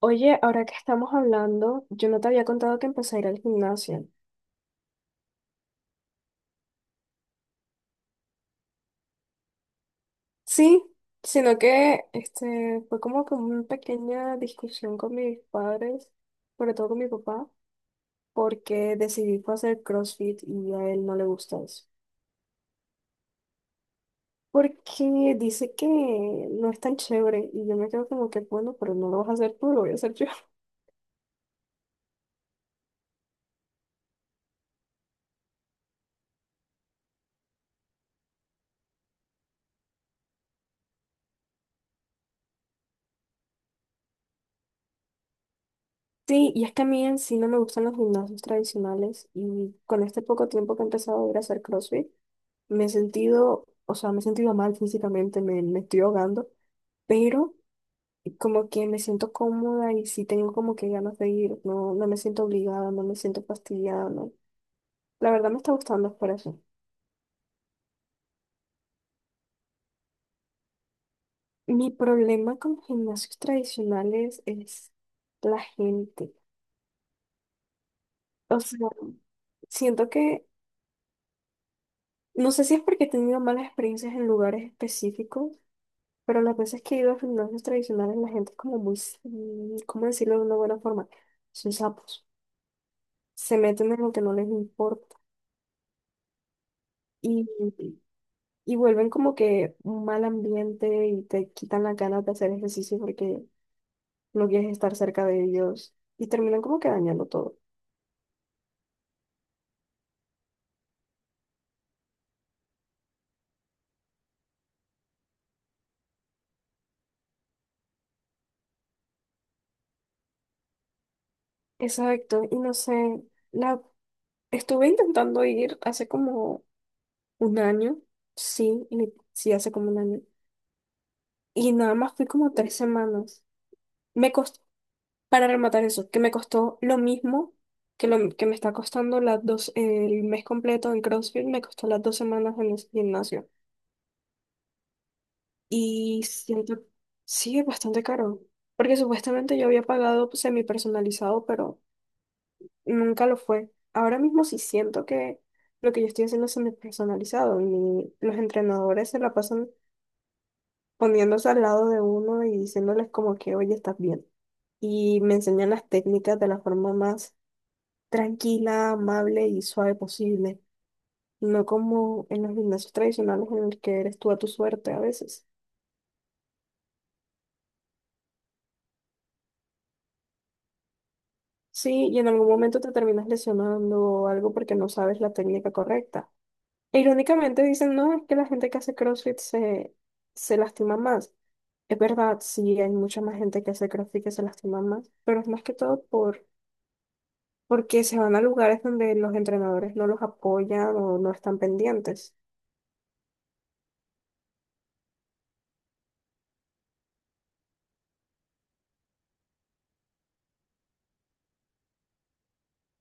Oye, ahora que estamos hablando, yo no te había contado que empecé a ir al gimnasio. Sí, sino que este fue como que una pequeña discusión con mis padres, sobre todo con mi papá, porque decidí fue hacer CrossFit y a él no le gusta eso. Porque dice que no es tan chévere y yo me quedo como que, bueno, pero no lo vas a hacer tú, lo voy a hacer yo. Sí, y es que a mí en sí no me gustan los gimnasios tradicionales y con este poco tiempo que he empezado a ir a hacer CrossFit, me he sentido, o sea, me he sentido mal físicamente, me estoy ahogando, pero como que me siento cómoda y sí tengo como que ganas de ir, no, no me siento obligada, no me siento fastidiada, no. La verdad me está gustando por eso. Mi problema con los gimnasios tradicionales es la gente. O sea, siento que, no sé si es porque he tenido malas experiencias en lugares específicos, pero las veces que he ido a gimnasios tradicionales la gente es como muy, ¿cómo decirlo de una buena forma? Son sapos, se meten en lo que no les importa y, y vuelven como que un mal ambiente y te quitan las ganas de hacer ejercicio porque no quieres estar cerca de ellos y terminan como que dañando todo. Exacto, y no sé, la estuve intentando ir hace como un año, sí, hace como un año, y nada más fui como 3 semanas. Me Para rematar eso, que me costó lo mismo que lo que me está costando las dos, el mes completo en CrossFit, me costó las dos semanas en el gimnasio. Y siento, sí, es bastante caro, porque supuestamente yo había pagado semi personalizado, pero nunca lo fue. Ahora mismo sí siento que lo que yo estoy haciendo es semi personalizado y los entrenadores se la pasan poniéndose al lado de uno y diciéndoles como que, oye, estás bien. Y me enseñan las técnicas de la forma más tranquila, amable y suave posible, no como en los gimnasios tradicionales en el que eres tú a tu suerte a veces. Sí, y en algún momento te terminas lesionando o algo porque no sabes la técnica correcta. E irónicamente dicen, no, es que la gente que hace CrossFit se lastima más. Es verdad, sí, hay mucha más gente que hace CrossFit que se lastima más, pero es más que todo porque se van a lugares donde los entrenadores no los apoyan o no están pendientes.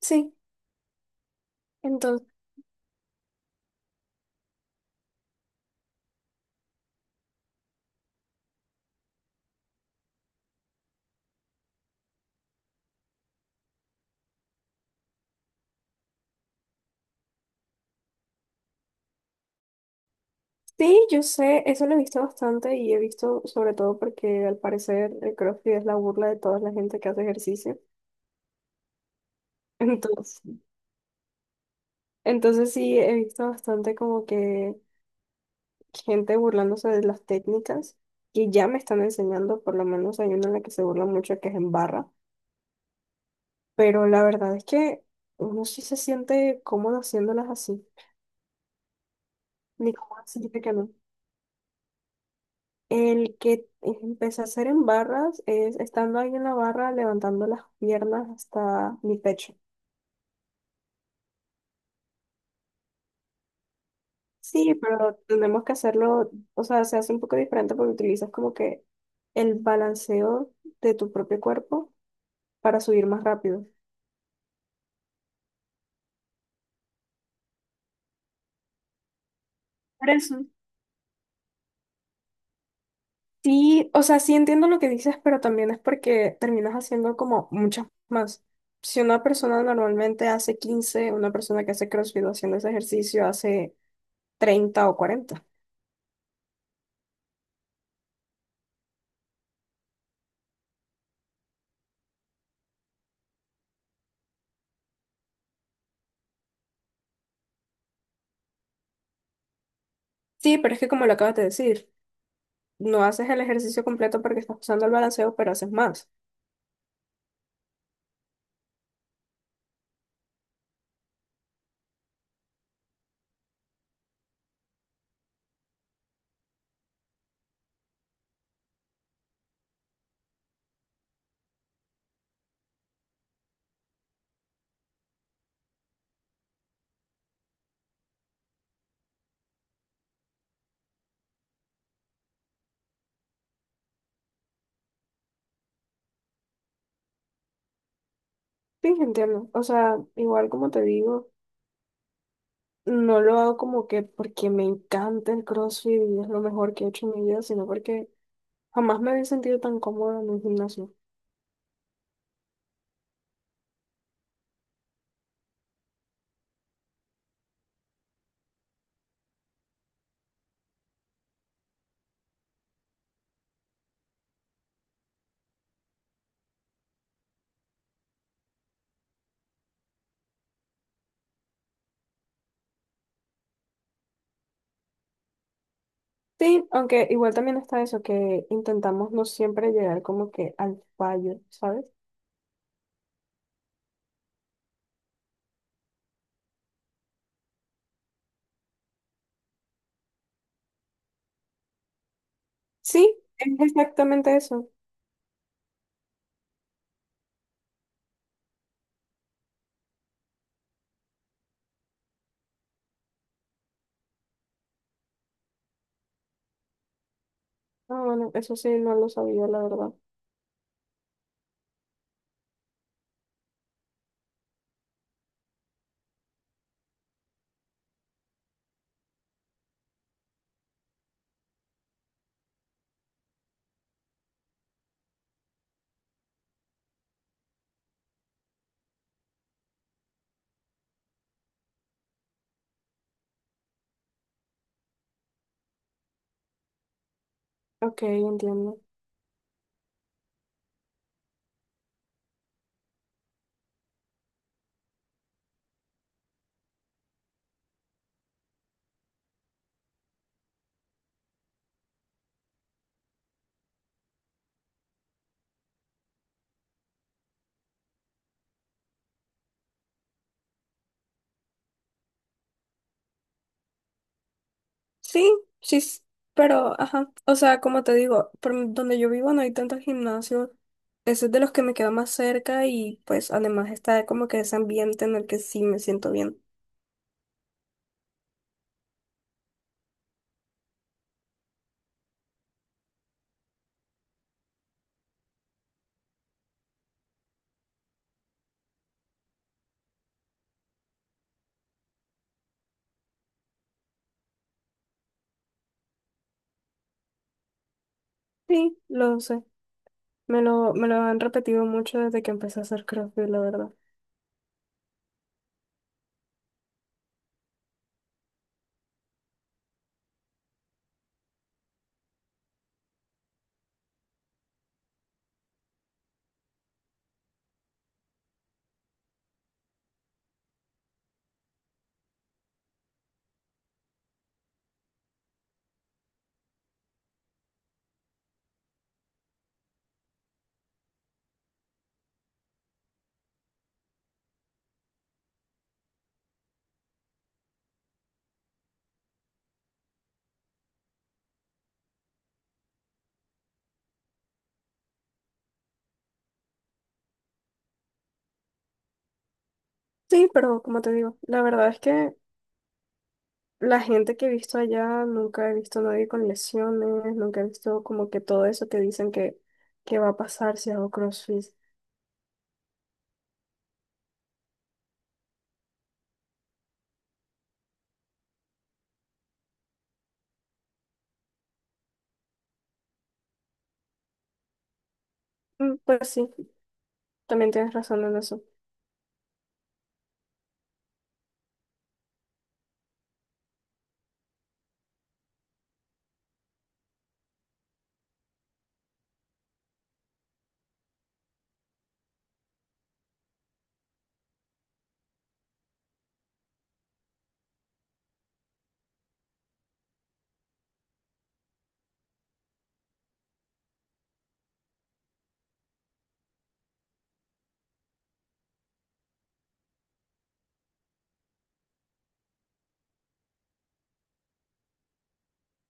Sí, sí, yo sé, eso lo he visto bastante y he visto sobre todo porque al parecer el CrossFit es la burla de toda la gente que hace ejercicio. Entonces, entonces, sí, he visto bastante como que gente burlándose de las técnicas que ya me están enseñando, por lo menos hay una en la que se burla mucho que es en barra, pero la verdad es que uno sí se siente cómodo haciéndolas así, ni cómo decirte que no. El que empecé a hacer en barras es estando ahí en la barra levantando las piernas hasta mi pecho. Sí, pero tenemos que hacerlo, o sea, se hace un poco diferente porque utilizas como que el balanceo de tu propio cuerpo para subir más rápido. Por eso. Sí, o sea, sí entiendo lo que dices, pero también es porque terminas haciendo como muchas más. Si una persona normalmente hace 15, una persona que hace CrossFit haciendo ese ejercicio hace 30 o 40. Sí, pero es que como lo acabas de decir, no haces el ejercicio completo porque estás usando el balanceo, pero haces más. Sí, entiendo. O sea, igual como te digo, no lo hago como que porque me encanta el CrossFit y es lo mejor que he hecho en mi vida, sino porque jamás me había sentido tan cómoda en un gimnasio. Sí, aunque igual también está eso, que intentamos no siempre llegar como que al fallo, ¿sabes? Sí, es exactamente eso. Ah, bueno, eso sí, no lo sabía, la verdad. Ok, entiendo. Sí, sí, pero, ajá, o sea, como te digo, donde yo vivo no hay tantos gimnasios, ese es de los que me queda más cerca y pues además está como que ese ambiente en el que sí me siento bien. Sí, lo sé, me lo han repetido mucho desde que empecé a hacer CrossFit, la verdad. Sí, pero como te digo, la verdad es que la gente que he visto allá, nunca he visto a nadie con lesiones, nunca he visto como que todo eso que dicen que, va a pasar si hago CrossFit. Mm, pues sí, también tienes razón en eso.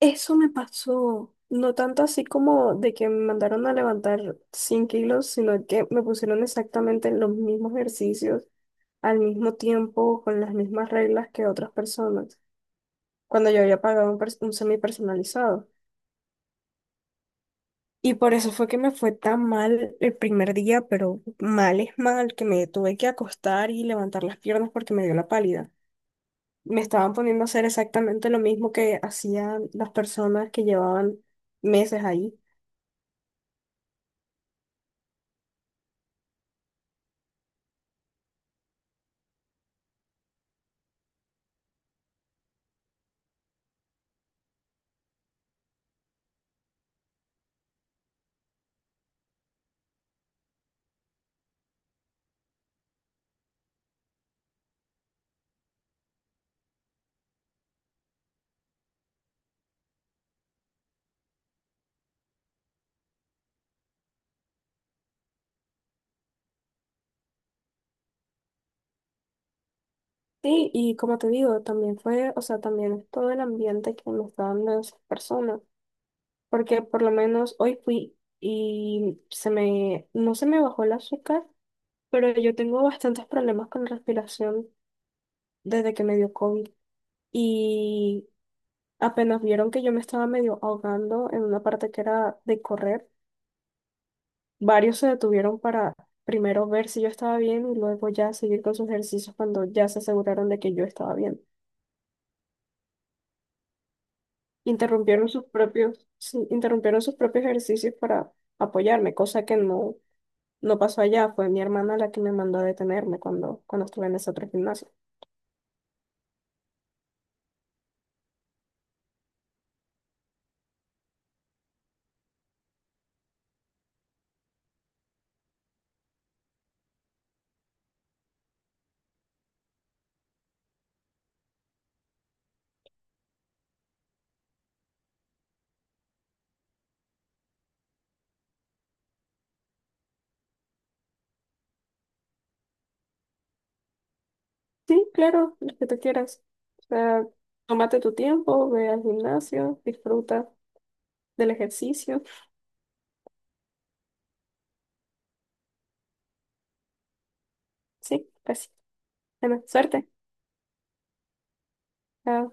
Eso me pasó, no tanto así como de que me mandaron a levantar 100 kilos, sino que me pusieron exactamente los mismos ejercicios al mismo tiempo, con las mismas reglas que otras personas, cuando yo había pagado un semi personalizado. Y por eso fue que me fue tan mal el primer día, pero mal es mal, que me tuve que acostar y levantar las piernas porque me dio la pálida. Me estaban poniendo a hacer exactamente lo mismo que hacían las personas que llevaban meses ahí. Sí, y como te digo, también fue, o sea, también es todo el ambiente que me está dando esas personas, porque por lo menos hoy fui y no se me bajó el azúcar, pero yo tengo bastantes problemas con la respiración desde que me dio COVID y apenas vieron que yo me estaba medio ahogando en una parte que era de correr, varios se detuvieron para primero ver si yo estaba bien y luego ya seguir con sus ejercicios cuando ya se aseguraron de que yo estaba bien. Interrumpieron sus propios, sí, interrumpieron sus propios ejercicios para apoyarme, cosa que no, no pasó allá. Fue mi hermana la que me mandó a detenerme cuando estuve en ese otro gimnasio. Sí, claro, lo que tú quieras. O sea, tómate tu tiempo, ve al gimnasio, disfruta del ejercicio. Sí, pues, bueno, suerte. Chao.